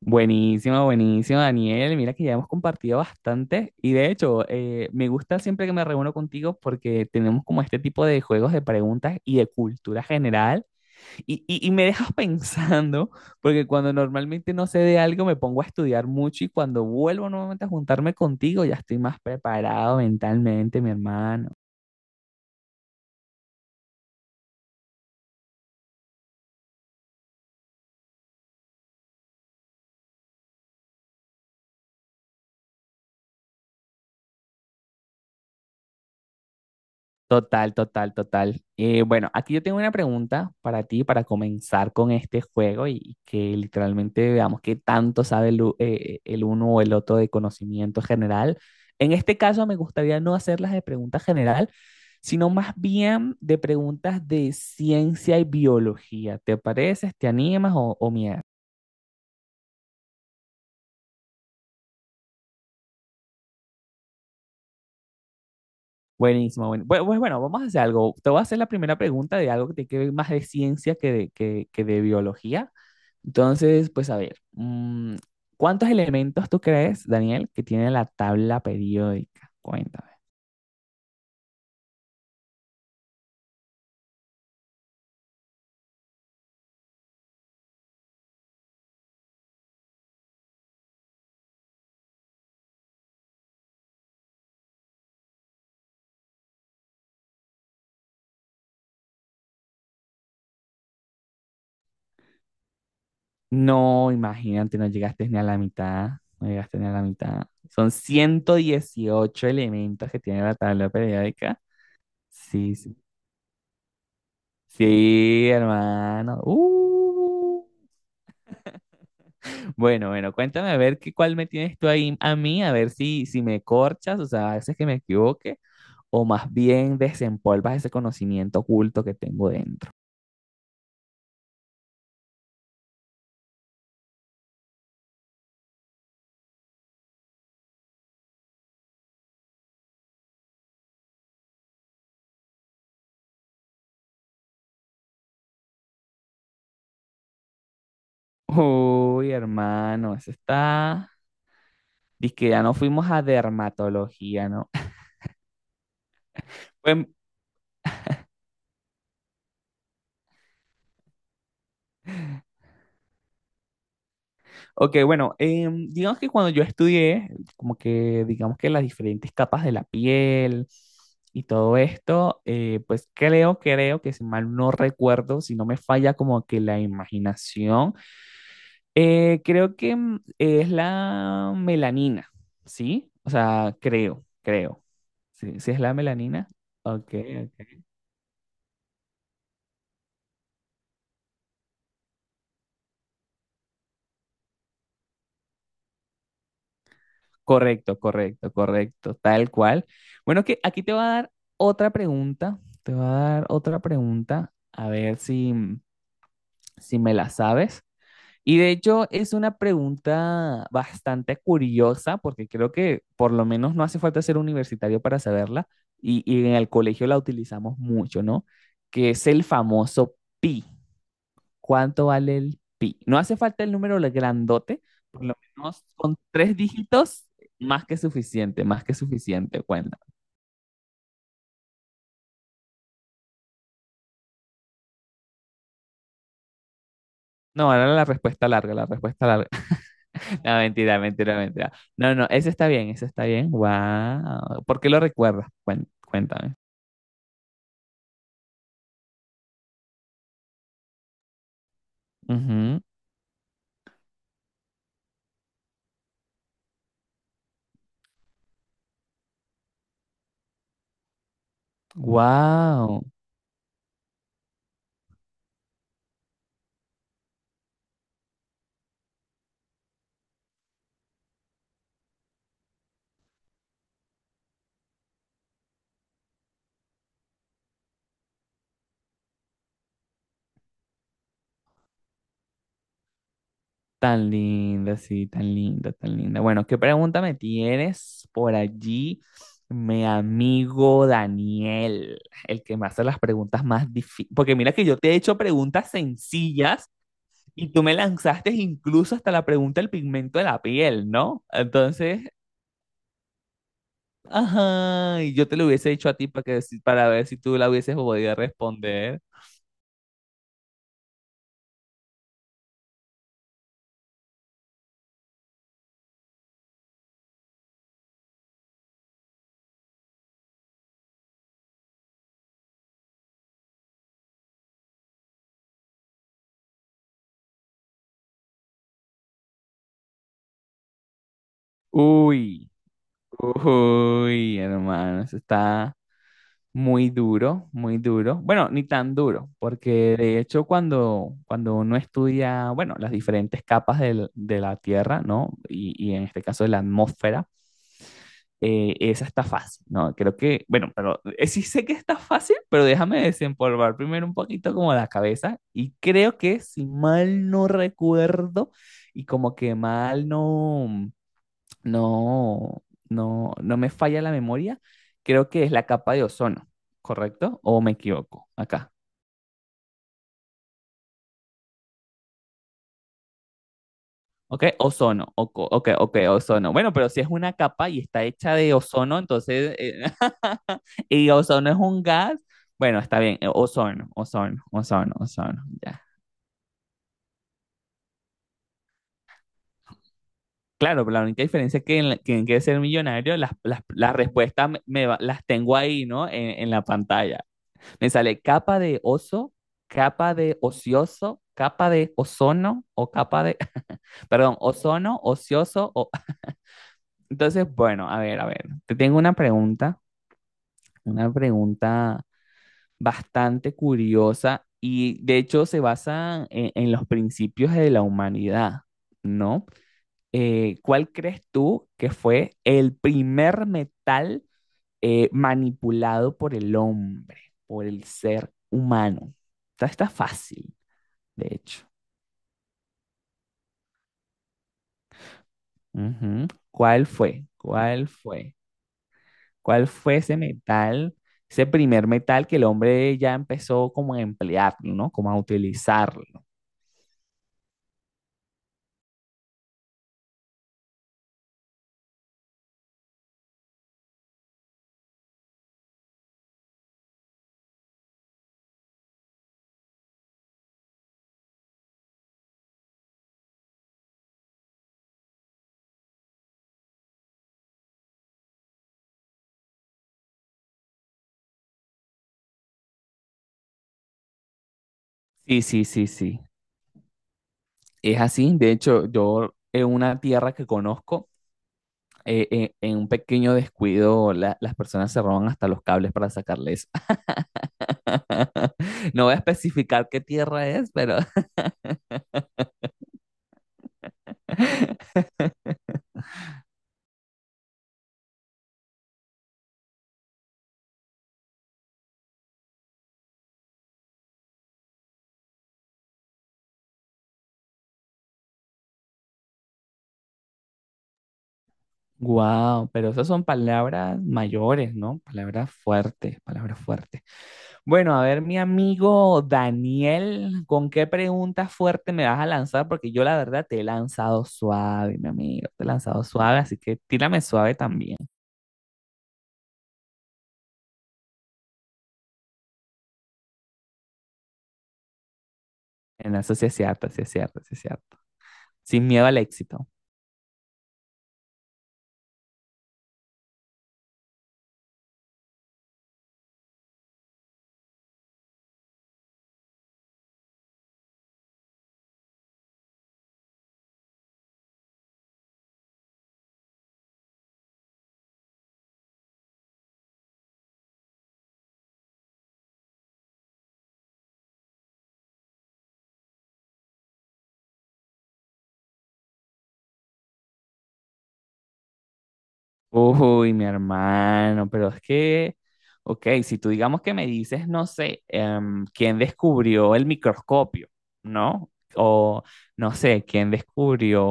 Buenísimo, buenísimo, Daniel. Mira que ya hemos compartido bastante y de hecho me gusta siempre que me reúno contigo porque tenemos como este tipo de juegos de preguntas y de cultura general y me dejas pensando porque cuando normalmente no sé de algo me pongo a estudiar mucho y cuando vuelvo nuevamente a juntarme contigo ya estoy más preparado mentalmente, mi hermano. Total, total, total. Bueno, aquí yo tengo una pregunta para ti para comenzar con este juego y que literalmente veamos qué tanto sabe el uno o el otro de conocimiento general. En este caso me gustaría no hacerlas de pregunta general, sino más bien de preguntas de ciencia y biología. ¿Te pareces? ¿Te animas o mierda? Buenísimo. Bueno, pues bueno, vamos a hacer algo. Te voy a hacer la primera pregunta de algo que tiene que ver más de ciencia que de, que de biología. Entonces, pues a ver, ¿cuántos elementos tú crees, Daniel, que tiene la tabla periódica? Cuéntame. No, imagínate, no llegaste ni a la mitad, no llegaste ni a la mitad. Son 118 elementos que tiene la tabla periódica. Sí, sí, sí, hermano. Bueno, bueno, cuéntame a ver qué, cuál me tienes tú ahí a mí, a ver si, si me corchas, o sea, a veces que me equivoque, o más bien desempolvas ese conocimiento oculto que tengo dentro. Uy, hermano, eso está. Dice que ya no fuimos a dermatología, ¿no? Bueno, ok, bueno, digamos que cuando yo estudié, como que digamos que las diferentes capas de la piel y todo esto, pues creo, creo que si mal no recuerdo, si no me falla como que la imaginación, creo que es la melanina, ¿sí? O sea, creo, creo. Sí, sí es la melanina. Ok, correcto, correcto, correcto, tal cual. Bueno, que aquí te va a dar otra pregunta, te va a dar otra pregunta, a ver si, si me la sabes. Y de hecho es una pregunta bastante curiosa, porque creo que por lo menos no hace falta ser universitario para saberla, y en el colegio la utilizamos mucho, ¿no? Que es el famoso pi. ¿Cuánto vale el pi? No hace falta el número grandote, por lo menos con tres dígitos, más que suficiente, más que suficiente. Bueno, no, ahora la respuesta larga, la respuesta larga. No, mentira, mentira, mentira. No, no, ese está bien, ese está bien. Wow. ¿Por qué lo recuerdas? Cuéntame. Wow. Tan linda, sí, tan linda, tan linda. Bueno, ¿qué pregunta me tienes por allí, mi amigo Daniel? El que me hace las preguntas más difíciles. Porque mira que yo te he hecho preguntas sencillas y tú me lanzaste incluso hasta la pregunta del pigmento de la piel, ¿no? Entonces, ajá, y yo te lo hubiese hecho a ti para que, para ver si tú la hubieses podido responder. Uy, uy, hermano, eso está. Muy duro, muy duro. Bueno, ni tan duro, porque de hecho cuando, cuando uno estudia, bueno, las diferentes capas de la Tierra, ¿no? Y en este caso de la atmósfera, esa está fácil, ¿no? Creo que, bueno, pero sí sé que está fácil, pero déjame desempolvar primero un poquito como la cabeza y creo que si mal no recuerdo y como que mal no no, no, no me falla la memoria, creo que es la capa de ozono, ¿correcto? ¿O me equivoco acá? ¿Ok? Ozono, ok, ok, ok, ozono. Bueno, pero si es una capa y está hecha de ozono, entonces, y ozono es un gas, bueno, está bien, ozono, ozono, ozono, ozono, ya. Claro, pero la única diferencia es que en, que en Quiere ser millonario, las respuestas me, las tengo ahí, ¿no? En la pantalla. Me sale capa de oso, capa de ocioso, capa de ozono o capa de, perdón, ozono, ocioso. Entonces, bueno, a ver, te tengo una pregunta bastante curiosa y de hecho se basa en los principios de la humanidad, ¿no? ¿Cuál crees tú que fue el primer metal manipulado por el hombre, por el ser humano? Esta está fácil. De hecho. Ujú. ¿Cuál fue? ¿Cuál fue? ¿Cuál fue ese metal, ese primer metal que el hombre ya empezó como a emplearlo, ¿no? Como a utilizarlo. Sí, sí, sí, sí. Es así. De hecho, yo en una tierra que conozco, en un pequeño descuido, las personas se roban hasta los cables para sacarles. No voy a especificar qué tierra es, pero... Wow, pero esas son palabras mayores, ¿no? Palabras fuertes, palabras fuertes. Bueno, a ver, mi amigo Daniel, ¿con qué pregunta fuerte me vas a lanzar? Porque yo la verdad te he lanzado suave, mi amigo, te he lanzado suave, así que tírame suave también. En eso sí es cierto, sí es cierto, sí es cierto. Sin miedo al éxito. Uy, mi hermano, pero es que, ok, si tú digamos que me dices, no sé, ¿quién descubrió el microscopio? ¿No? O no sé, ¿quién descubrió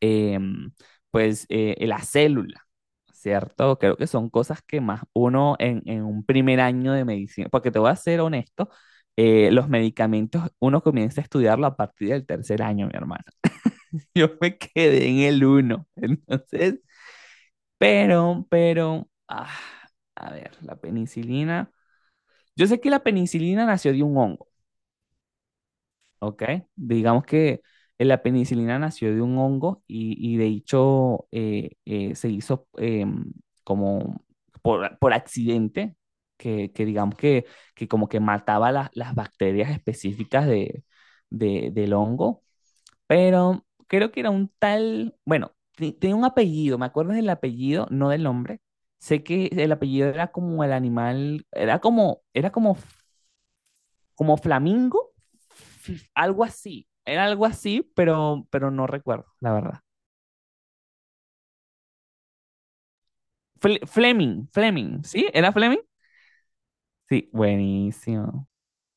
em, pues la célula, ¿cierto? Creo que son cosas que más uno en un primer año de medicina, porque te voy a ser honesto, los medicamentos uno comienza a estudiarlo a partir del tercer año, mi hermano. Yo me quedé en el uno, entonces, pero, ah, a ver, la penicilina. Yo sé que la penicilina nació de un hongo. Ok, digamos que la penicilina nació de un hongo y de hecho se hizo como por accidente, que digamos que como que mataba las bacterias específicas de, del hongo, pero creo que era un tal, bueno, tenía un apellido, me acuerdo del apellido, no del nombre. Sé que el apellido era como el animal, era como como Flamingo, algo así, era algo así, pero no recuerdo, la verdad. Fleming, Fleming, ¿sí? ¿Era Fleming? Sí, buenísimo.